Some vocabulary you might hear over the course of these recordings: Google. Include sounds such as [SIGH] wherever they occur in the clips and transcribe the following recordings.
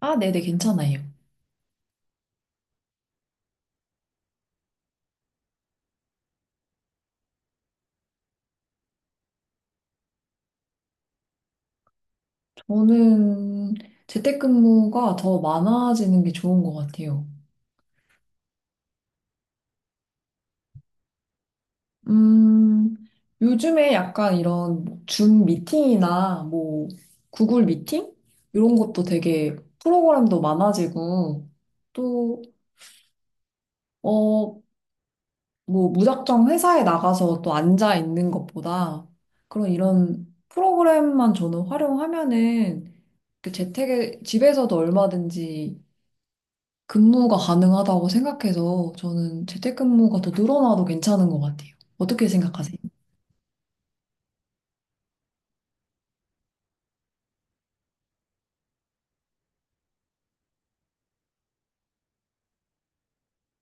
아, 네네, 괜찮아요. 저는 재택근무가 더 많아지는 게 좋은 것 같아요. 음, 요즘에 약간 이런 뭐줌 미팅이나 뭐 구글 미팅? 이런 것도 되게 프로그램도 많아지고 또, 어, 뭐 무작정 회사에 나가서 또 앉아 있는 것보다 그런 이런 프로그램만 저는 활용하면은 그 재택에 집에서도 얼마든지 근무가 가능하다고 생각해서 저는 재택근무가 더 늘어나도 괜찮은 것 같아요. 어떻게 생각하세요?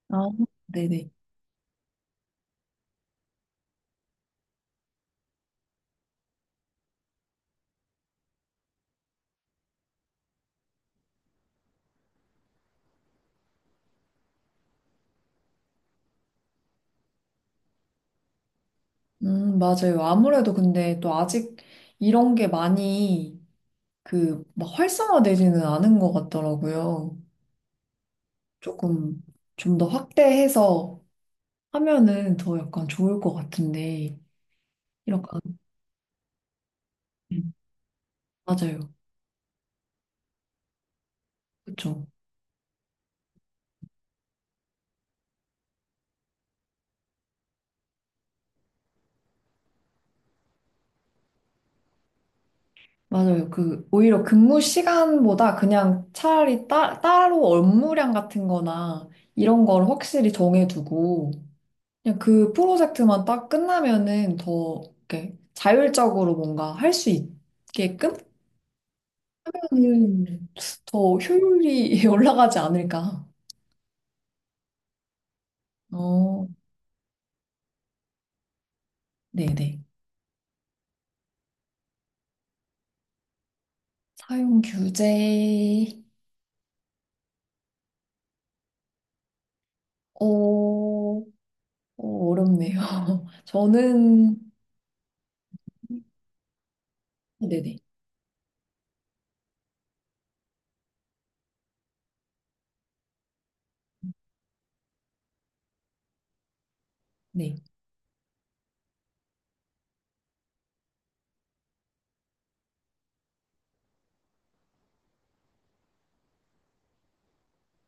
아, 네네. 맞아요. 아무래도 근데 또 아직 이런 게 많이 그 막 활성화되지는 않은 것 같더라고요. 조금 좀 더 확대해서 하면은 더 약간 좋을 것 같은데, 이렇게, 안- 음, 맞아요. 그쵸. 맞아요. 그, 오히려 근무 시간보다 그냥 차라리 따, 따로 업무량 같은 거나 이런 걸 확실히 정해두고 그냥 그 프로젝트만 딱 끝나면은 더 이렇게 자율적으로 뭔가 할 수 있게끔 하면은 더 효율이 [LAUGHS] 올라가지 않을까. 어, 네네. 사용 규제, 어, 어, 어렵네요. [LAUGHS] 저는, 네네. 네. 네.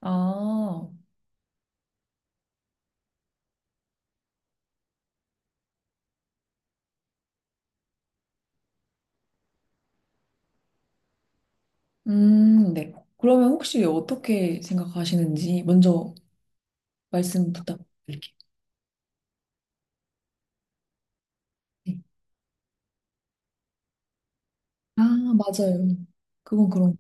아. 네. 그러면 혹시 어떻게 생각하시는지 먼저 말씀 부탁드릴게요. 네. 아, 맞아요. 그건 그런.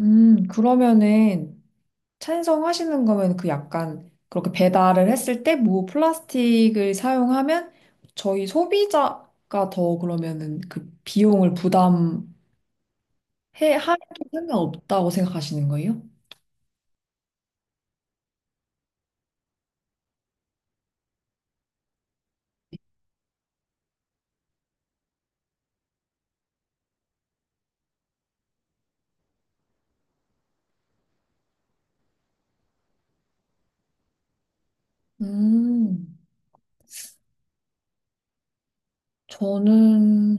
그러면은 찬성하시는 거면 그 약간 그렇게 배달을 했을 때 뭐 플라스틱을 사용하면 저희 소비자가 더 그러면은 그 비용을 부담해 할 상관없다고 생각하시는 거예요? 음, 저는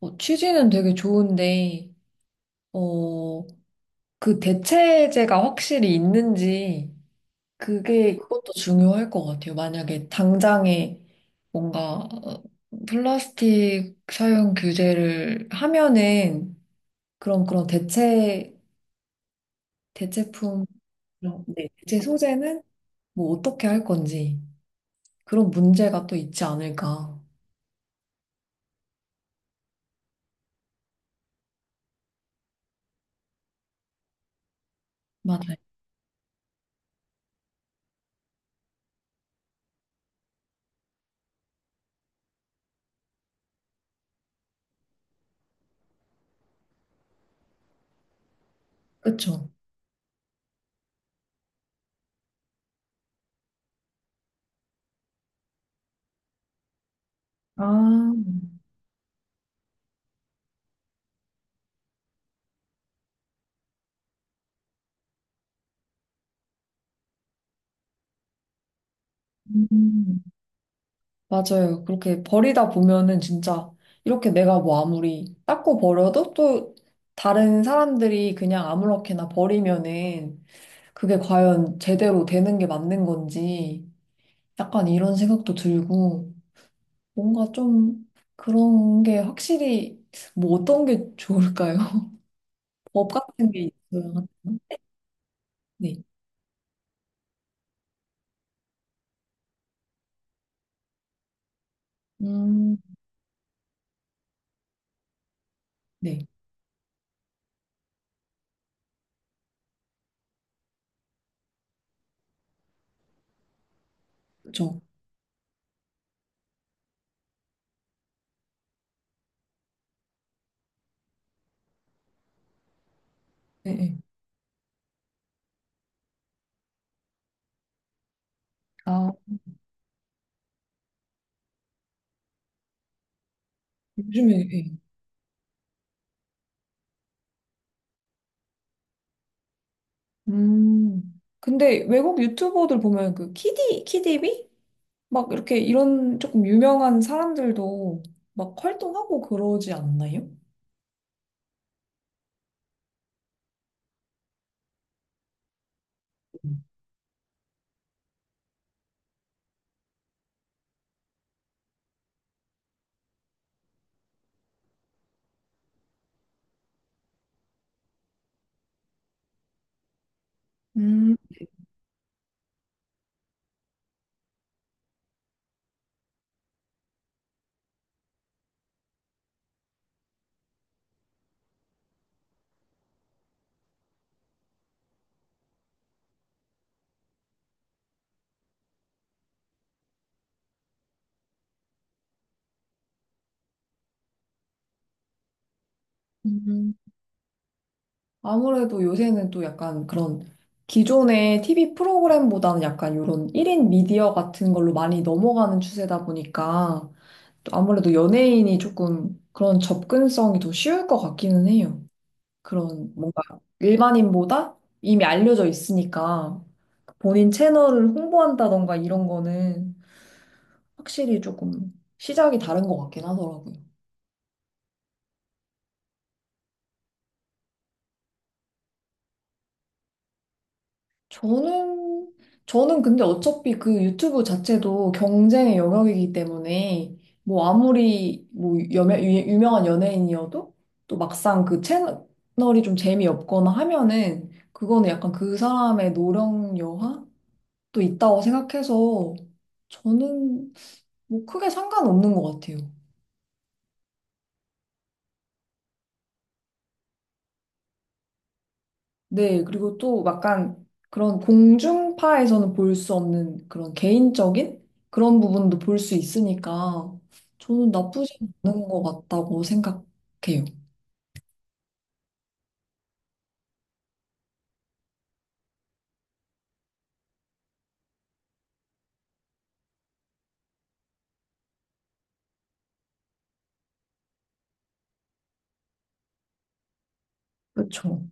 취지는 되게 좋은데, 어 그 대체제가 확실히 있는지 그게 그것도 중요할 것 같아요. 만약에 당장에 뭔가 플라스틱 사용 규제를 하면은 그런 대체 대체품 그런- 네, 대체 소재는 뭐 어떻게 할 건지 그런 문제가 또 있지 않을까. 맞아요. 그쵸? 아, 음. 맞아요. 그렇게 버리다 보면은 진짜 이렇게 내가 뭐 아무리 닦고 버려도 또 다른 사람들이 그냥 아무렇게나 버리면은 그게 과연 제대로 되는 게 맞는 건지 약간 이런 생각도 들고 뭔가 좀 그런 게 확실히 뭐 어떤 게 좋을까요? [LAUGHS] 법 같은 게 있어요. 네. 음, 네. 그쵸. 네. 네. 아, 요즘에, 네. 음. 근데 외국 유튜버들 보면 그 키디, 키디비? 막 이렇게 이런 조금 유명한 사람들도 막 활동하고 그러지 않나요? 음, 음. 아무래도 요새는 또 약간 그런 기존의 TV 프로그램보다는 약간 이런 1인 미디어 같은 걸로 많이 넘어가는 추세다 보니까 또 아무래도 연예인이 조금 그런 접근성이 더 쉬울 것 같기는 해요. 그런 뭔가 일반인보다 이미 알려져 있으니까 본인 채널을 홍보한다던가 이런 거는 확실히 조금 시작이 다른 것 같긴 하더라고요. 저는, 저는 근데 어차피 그 유튜브 자체도 경쟁의 영역이기 때문에 뭐 아무리 뭐 여매, 유- 유명한 연예인이어도 또 막상 그 채널이 좀 재미없거나 하면은 그거는 약간 그 사람의 노령 여하도 있다고 생각해서 저는 뭐 크게 상관없는 것 같아요. 네, 그리고 또 약간 그런 공중파에서는 볼 수 없는 그런 개인적인 그런 부분도 볼 수 있으니까 저는 나쁘지 않은 것 같다고 생각해요. 그렇죠.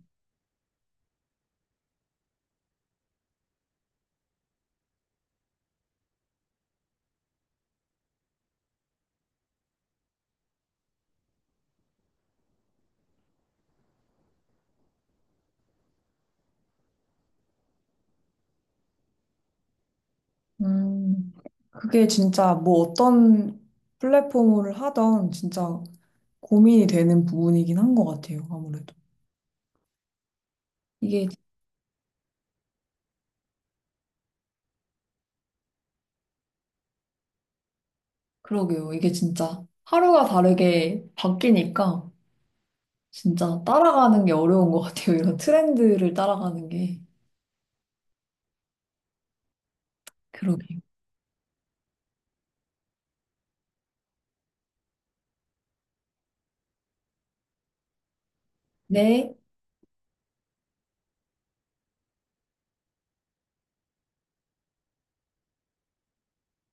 음, 그게 진짜 뭐 어떤 플랫폼을 하던 진짜 고민이 되는 부분이긴 한 것 같아요, 아무래도. 이게, 그러게요. 이게 진짜 하루가 다르게 바뀌니까 진짜 따라가는 게 어려운 것 같아요. 이런 트렌드를 따라가는 게. 그러게요. 네.